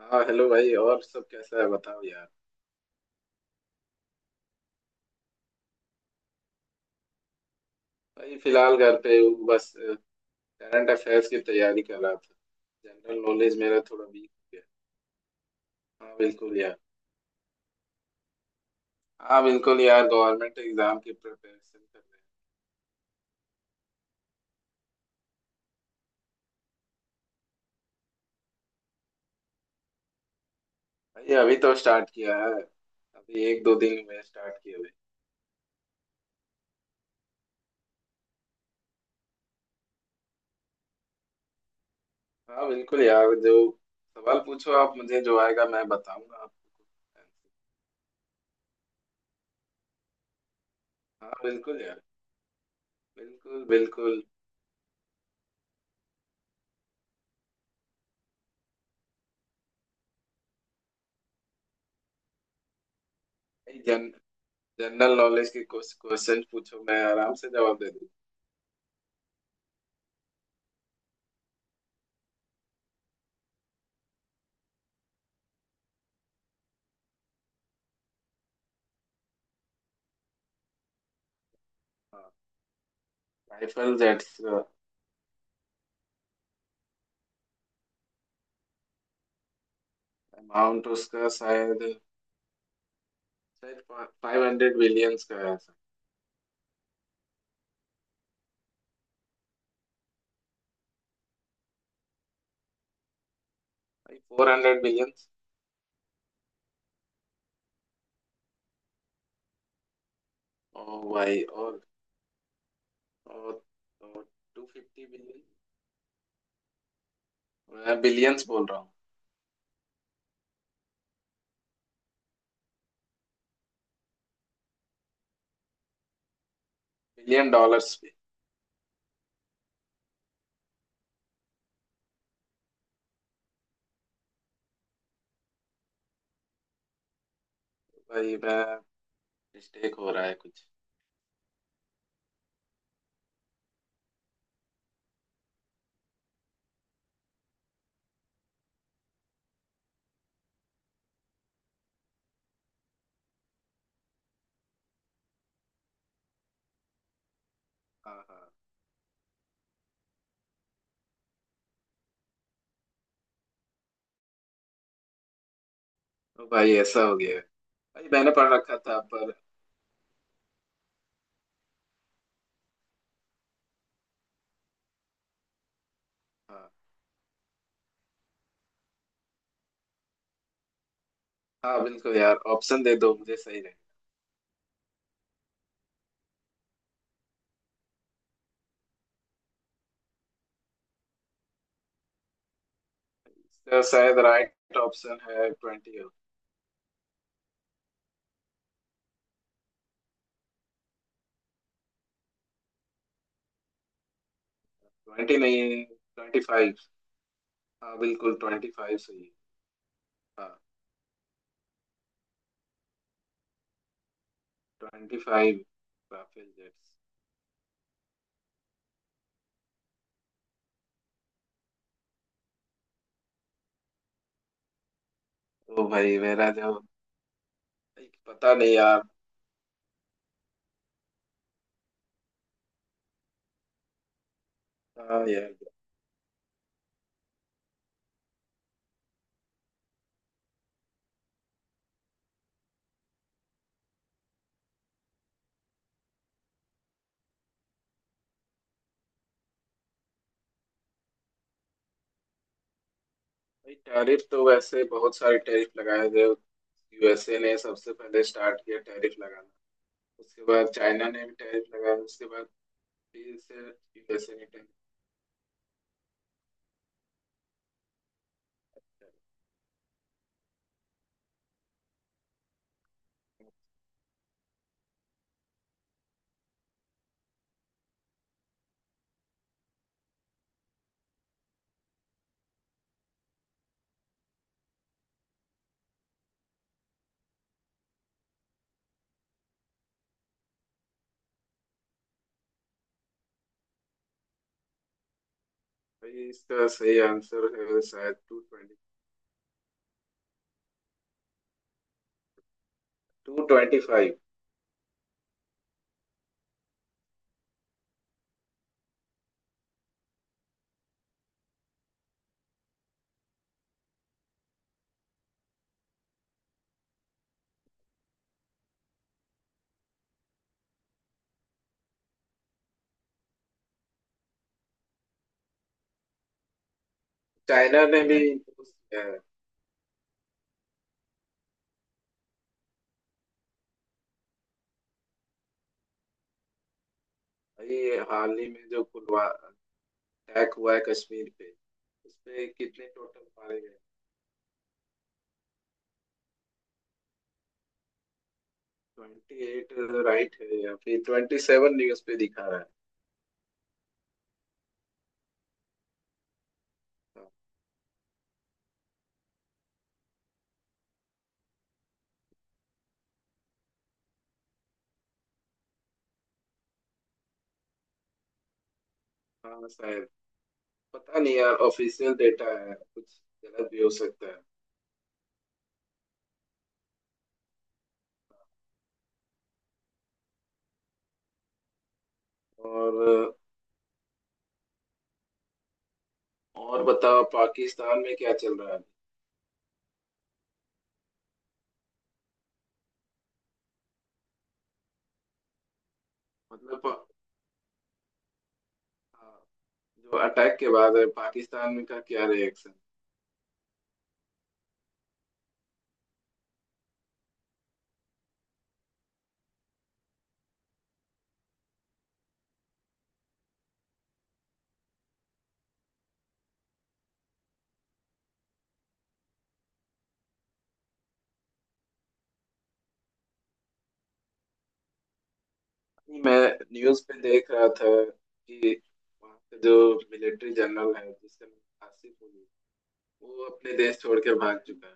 हाँ हेलो भाई। और सब कैसा है बताओ यार? भाई फिलहाल घर पे हूँ बस। करंट अफेयर्स की तैयारी कर रहा था। जनरल नॉलेज मेरा थोड़ा वीक हो गया। हाँ बिल्कुल यार। हाँ बिल्कुल यार, गवर्नमेंट एग्जाम की प्रिपरेशन कर रहे हैं। भाई अभी तो स्टार्ट किया है, अभी एक दो दिन में स्टार्ट किया भाई। हाँ बिल्कुल यार। जो सवाल पूछो, आप मुझे जो आएगा मैं बताऊंगा आपको। हाँ बिल्कुल यार। बिल्कुल बिल्कुल। भाई, जन जनरल नॉलेज के कुछ क्वेश्चन पूछो, मैं आराम से जवाब दे दूँ। I felt that uh, amount उसका शायद, शायद फाइव हंड्रेड बिलियंस का है भाई। Four hundred billions. और भाई, और टू फिफ्टी बिलियन। मैं बिलियंस बोल रहा हूँ। बिलियन डॉलर्स पे। भाई मैं मिस्टेक हो रहा है कुछ। हाँ हाँ। तो भाई ऐसा हो गया है। भाई मैंने पढ़ रखा था पर। हाँ। हाँ बिल्कुल यार, ऑप्शन दे दो मुझे सही रहे। इसका शायद राइट ऑप्शन है ट्वेंटी। ट्वेंटी नहीं, ट्वेंटी फाइव। हाँ बिल्कुल, ट्वेंटी फाइव सही है। Twenty five Rafale jets. ओ भाई मेरा जो। भाई, पता नहीं यार। हाँ यार। भाई टैरिफ तो वैसे बहुत सारे टैरिफ लगाए थे, यूएसए ने सबसे पहले स्टार्ट किया टैरिफ लगाना। उसके बाद चाइना ने भी टैरिफ लगाया, उसके बाद फिर से यूएसए ने टैरिफ लगाया। भाई इसका सही आंसर है शायद two twenty, two twenty five. China ने भी उस- है। भाई, हाल ही में जो पुलवा अटैक हुआ है कश्मीर पे, उस पे कितने टोटल मारे गए? ट्वेंटी राइट है या फिर ट्वेंटी सेवन? न्यूज पे दिखा रहा है। हाँ शायद, पता नहीं यार, ऑफिशियल डेटा है, कुछ गलत भी हो सकता है। और बताओ पाकिस्तान में क्या चल रहा है? मतलब, हाँ, जो अटैक के बाद है पाकिस्तान में का क्या रिएक्शन? मैं न्यूज पे देख रहा था कि वहाँ का जो मिलिट्री जनरल है, जिसका नाम आसिफ अली, वो अपने देश छोड़ के भाग चुका है।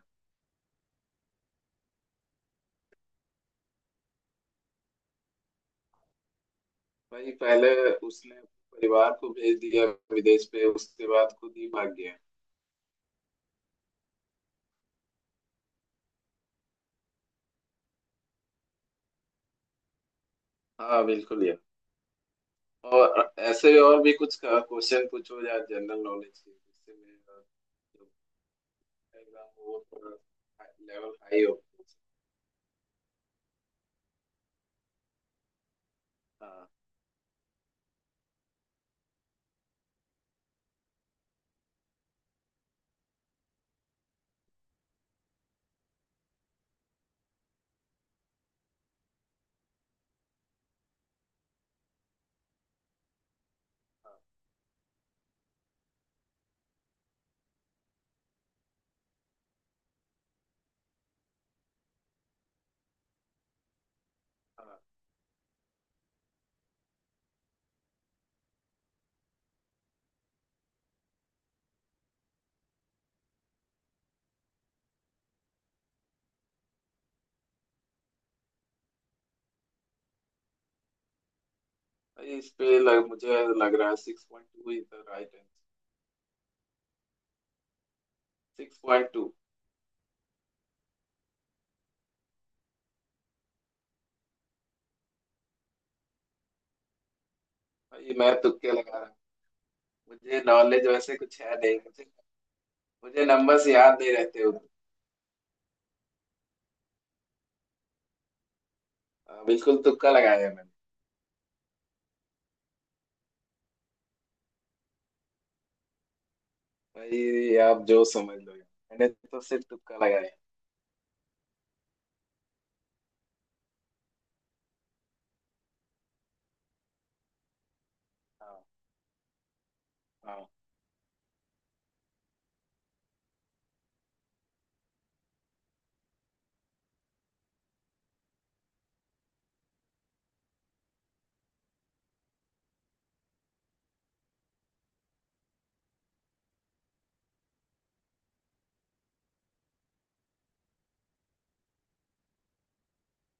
भाई पहले उसने परिवार को भेज दिया विदेश पे, उसके बाद खुद ही भाग गया। हाँ बिल्कुल यार, और ऐसे और भी कुछ क्वेश्चन पूछो यार जनरल नॉलेज के, जिससे मेरा जो एग्जाम हो, थोड़ा लेवल हाई हो। हाँ। हाँ भाई, मुझे लग रहा है six point two is the right answer. Six point two. भाई मैं तुक्के लगा रहा हूँ, मुझे नॉलेज वैसे कुछ है नहीं। मुझे मुझे नंबर्स याद नहीं रहते उतने। हाँ, बिल्कुल तुक्का लगाया मैंने। भाई आप जो समझ लो, मैंने तो सिर्फ तुक्का लगाया। हाँ हाँ।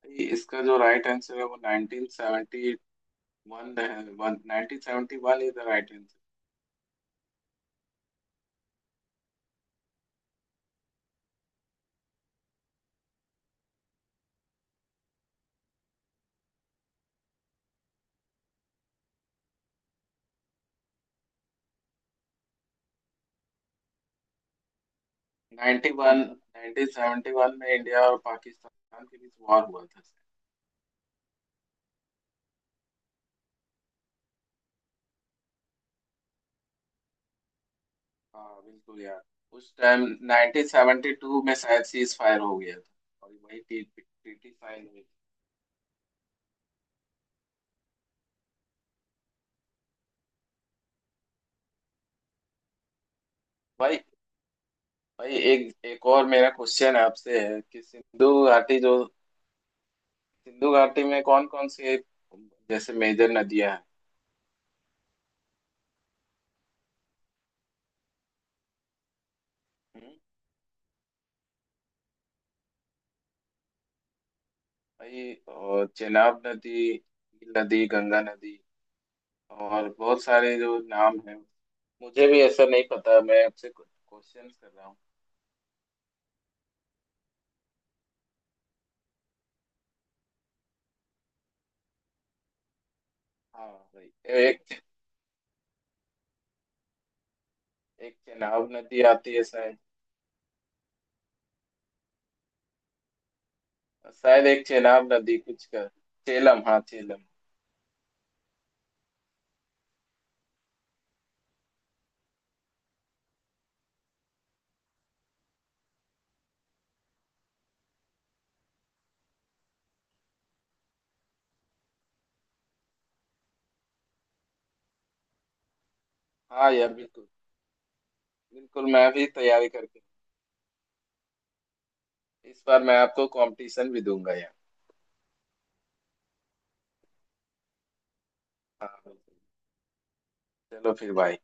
भाई, इसका जो राइट आंसर है वो 1971 है। One 1971 is the right answer. 91, 1971 में इंडिया और पाकिस्तान के बीच वॉर हुआ था। हाँ बिल्कुल यार, उस टाइम 1972 में शायद सीज फायर हो गया था और वही ट्रीटी साइन हुई। भाई भाई, एक एक और मेरा क्वेश्चन आपसे है कि सिंधु घाटी में कौन कौन सी, जैसे, मेजर नदियां हैं? हम्म। भाई, और चेनाब नदी, नील नदी, गंगा नदी, और बहुत सारे जो नाम हैं। मुझे भी ऐसा नहीं पता, मैं आपसे क्वेश्चन कर रहा हूँ। हाँ भाई, एक। एक चेनाब नदी आती है शायद। शायद एक चेनाब नदी कुछ कर। चेलम, हाँ चेलम। हाँ यार बिल्कुल बिल्कुल। मैं भी तैयारी करके, इस बार मैं आपको कंपटीशन भी दूंगा यार। हाँ बिल्कुल। चलो फिर भाई।